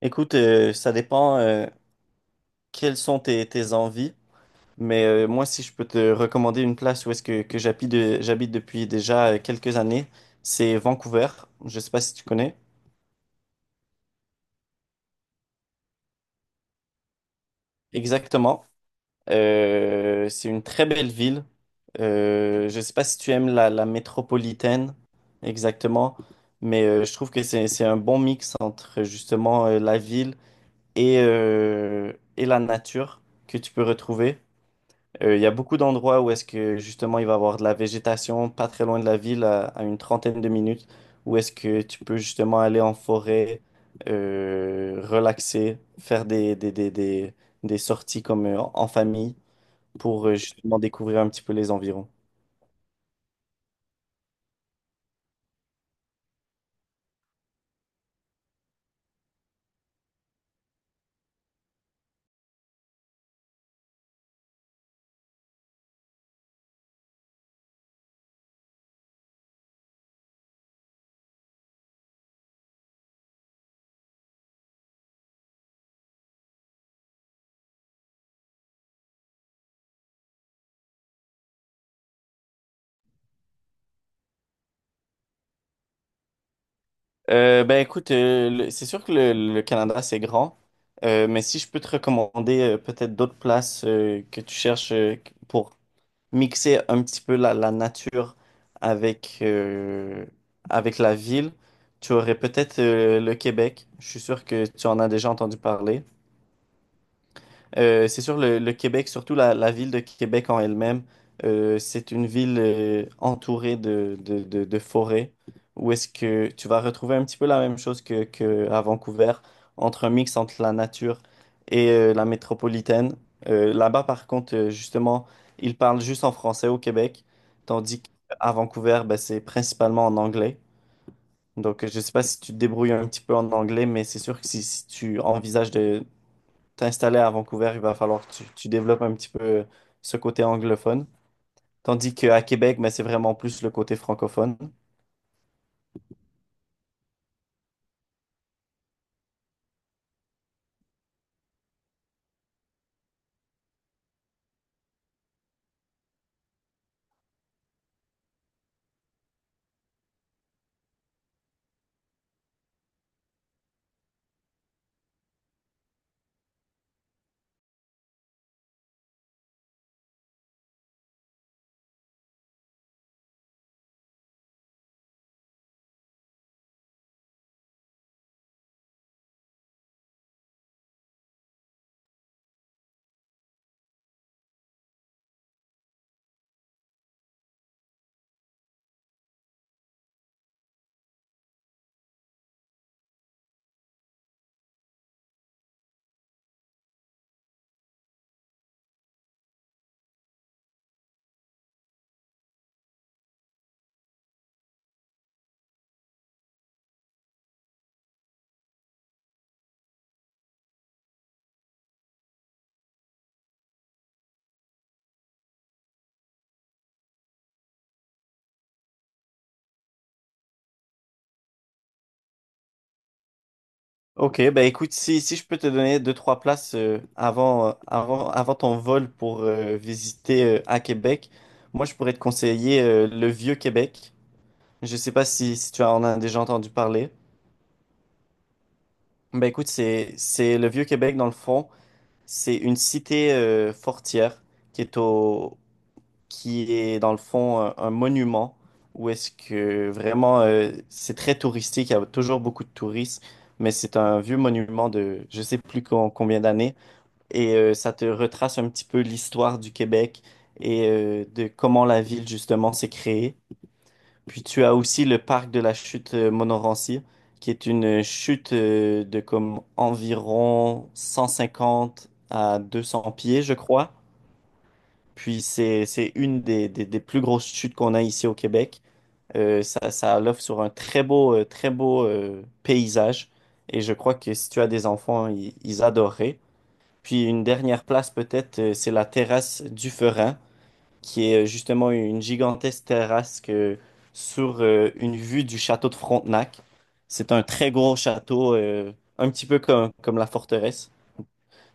Écoute, ça dépend, quelles sont tes envies, mais moi, si je peux te recommander une place où est-ce que j'habite, j'habite depuis déjà quelques années, c'est Vancouver. Je sais pas si tu connais. Exactement. C'est une très belle ville. Je sais pas si tu aimes la métropolitaine, exactement, mais je trouve que c'est un bon mix entre justement la ville et la nature que tu peux retrouver. Il y a beaucoup d'endroits où est-ce que justement il va y avoir de la végétation pas très loin de la ville, à une trentaine de minutes, où est-ce que tu peux justement aller en forêt, relaxer, faire des sorties comme en famille pour justement découvrir un petit peu les environs. Ben écoute, c'est sûr que le Canada c'est grand, mais si je peux te recommander peut-être d'autres places que tu cherches, pour mixer un petit peu la nature avec, avec la ville. Tu aurais peut-être le Québec. Je suis sûr que tu en as déjà entendu parler. C'est sûr, le Québec, surtout la ville de Québec en elle-même, c'est une ville entourée de forêts où est-ce que tu vas retrouver un petit peu la même chose que à Vancouver, entre un mix entre la nature et la métropolitaine. Là-bas, par contre, justement, ils parlent juste en français au Québec, tandis qu'à Vancouver, ben, c'est principalement en anglais. Donc, je ne sais pas si tu te débrouilles un petit peu en anglais, mais c'est sûr que si, si tu envisages de t'installer à Vancouver, il va falloir que tu développes un petit peu ce côté anglophone. Tandis qu'à Québec, mais c'est vraiment plus le côté francophone. Ok, ben écoute, si, si je peux te donner deux, trois places avant, avant ton vol pour visiter à Québec, moi je pourrais te conseiller le Vieux-Québec. Je sais pas si, si tu en as déjà entendu parler. Ben écoute, c'est le Vieux-Québec dans le fond, c'est une cité fortière qui est au, qui est dans le fond un monument où est-ce que vraiment c'est très touristique, il y a toujours beaucoup de touristes, mais c'est un vieux monument de je sais plus combien d'années et ça te retrace un petit peu l'histoire du Québec et de comment la ville justement s'est créée. Puis tu as aussi le parc de la chute Montmorency qui est une chute de comme environ 150 à 200 pieds, je crois, puis c'est une des plus grosses chutes qu'on a ici au Québec. Ça l'offre sur un très beau paysage. Et je crois que si tu as des enfants, ils adoreraient. Puis une dernière place peut-être, c'est la terrasse du Ferin, qui est justement une gigantesque terrasse que, sur une vue du château de Frontenac. C'est un très gros château, un petit peu comme la forteresse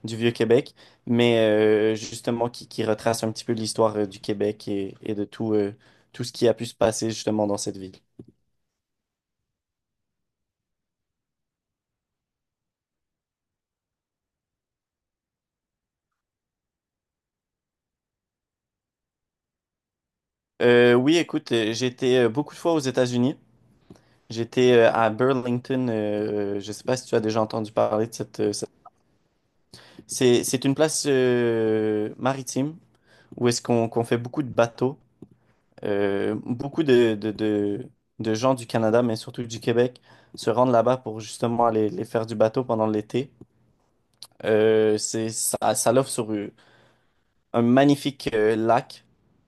du Vieux-Québec, mais justement qui retrace un petit peu l'histoire du Québec et de tout, tout ce qui a pu se passer justement dans cette ville. Oui, écoute, j'ai été beaucoup de fois aux États-Unis. J'étais à Burlington. Je ne sais pas si tu as déjà entendu parler de cette. C'est une place maritime où est-ce qu'on fait beaucoup de bateaux. Beaucoup de gens du Canada, mais surtout du Québec, se rendent là-bas pour justement aller faire du bateau pendant l'été. Ça l'offre sur un magnifique lac.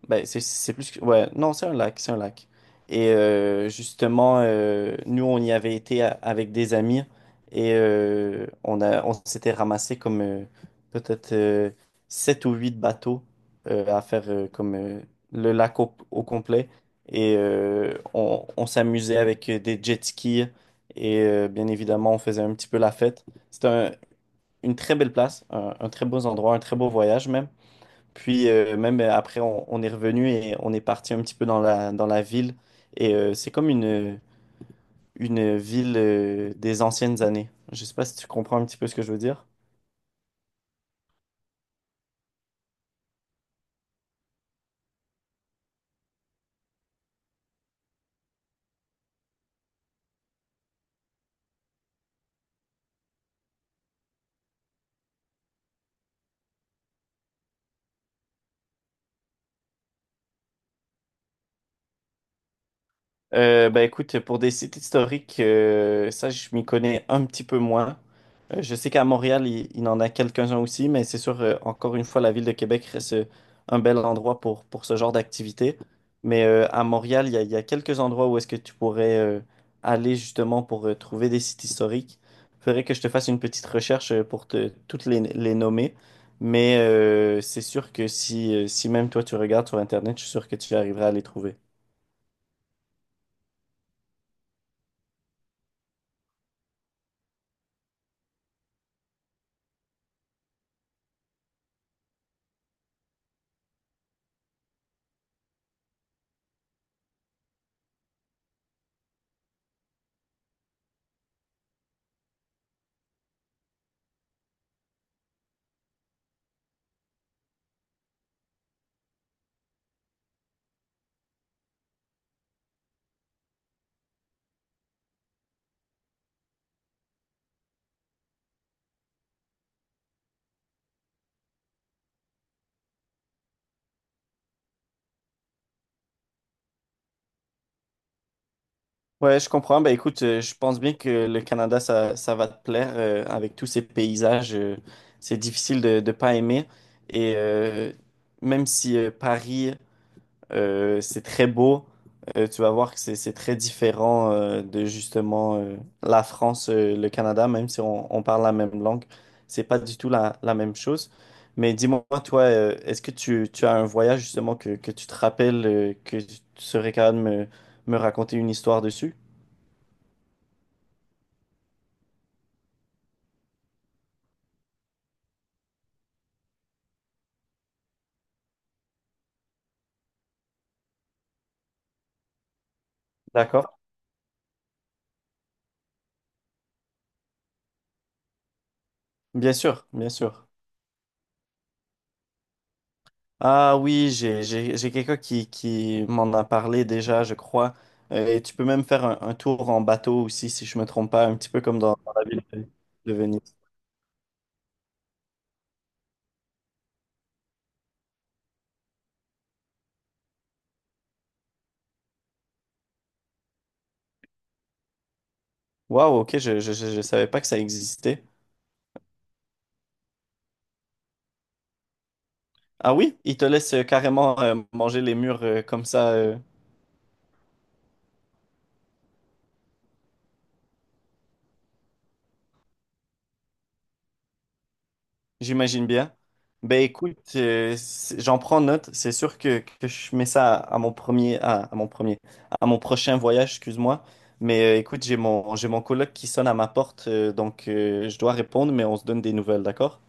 Ouais, non, c'est un lac, c'est un lac. Et justement, nous, on y avait été avec des amis et on s'était ramassé comme peut-être 7 ou huit bateaux à faire comme le lac au complet. Et on s'amusait avec des jet skis et bien évidemment, on faisait un petit peu la fête. Une très belle place, un très beau endroit, un très beau voyage même. Puis même après, on est revenu et on est parti un petit peu dans dans la ville. Et c'est comme une ville des anciennes années. Je sais pas si tu comprends un petit peu ce que je veux dire. Bah écoute, pour des sites historiques, ça je m'y connais un petit peu moins. Je sais qu'à Montréal, il en a quelques-uns aussi, mais c'est sûr, encore une fois, la ville de Québec reste un bel endroit pour ce genre d'activité. Mais à Montréal, il y a quelques endroits où est-ce que tu pourrais aller justement pour trouver des sites historiques. Faudrait que je te fasse une petite recherche pour te, toutes les nommer. Mais c'est sûr que si, si même toi tu regardes sur Internet, je suis sûr que tu arriveras à les trouver. Ouais, je comprends. Ben, écoute, je pense bien que le Canada, ça va te plaire avec tous ces paysages. C'est difficile de ne pas aimer. Et même si Paris, c'est très beau, tu vas voir que c'est très différent de justement la France, le Canada, même si on parle la même langue, c'est pas du tout la même chose. Mais dis-moi, toi, est-ce que tu as un voyage justement que tu te rappelles, que tu serais capable de me raconter une histoire dessus? D'accord, bien sûr, bien sûr. Ah oui, j'ai quelqu'un qui m'en a parlé déjà, je crois. Et tu peux même faire un tour en bateau aussi, si je me trompe pas, un petit peu comme dans, dans la ville de Venise. Waouh, ok, je savais pas que ça existait. Ah oui, ils te laissent carrément manger les murs comme ça. J'imagine bien. Ben écoute, j'en prends note. C'est sûr que je mets ça à mon prochain voyage, excuse-moi. Mais écoute, j'ai mon coloc qui sonne à ma porte, donc je dois répondre, mais on se donne des nouvelles, d'accord?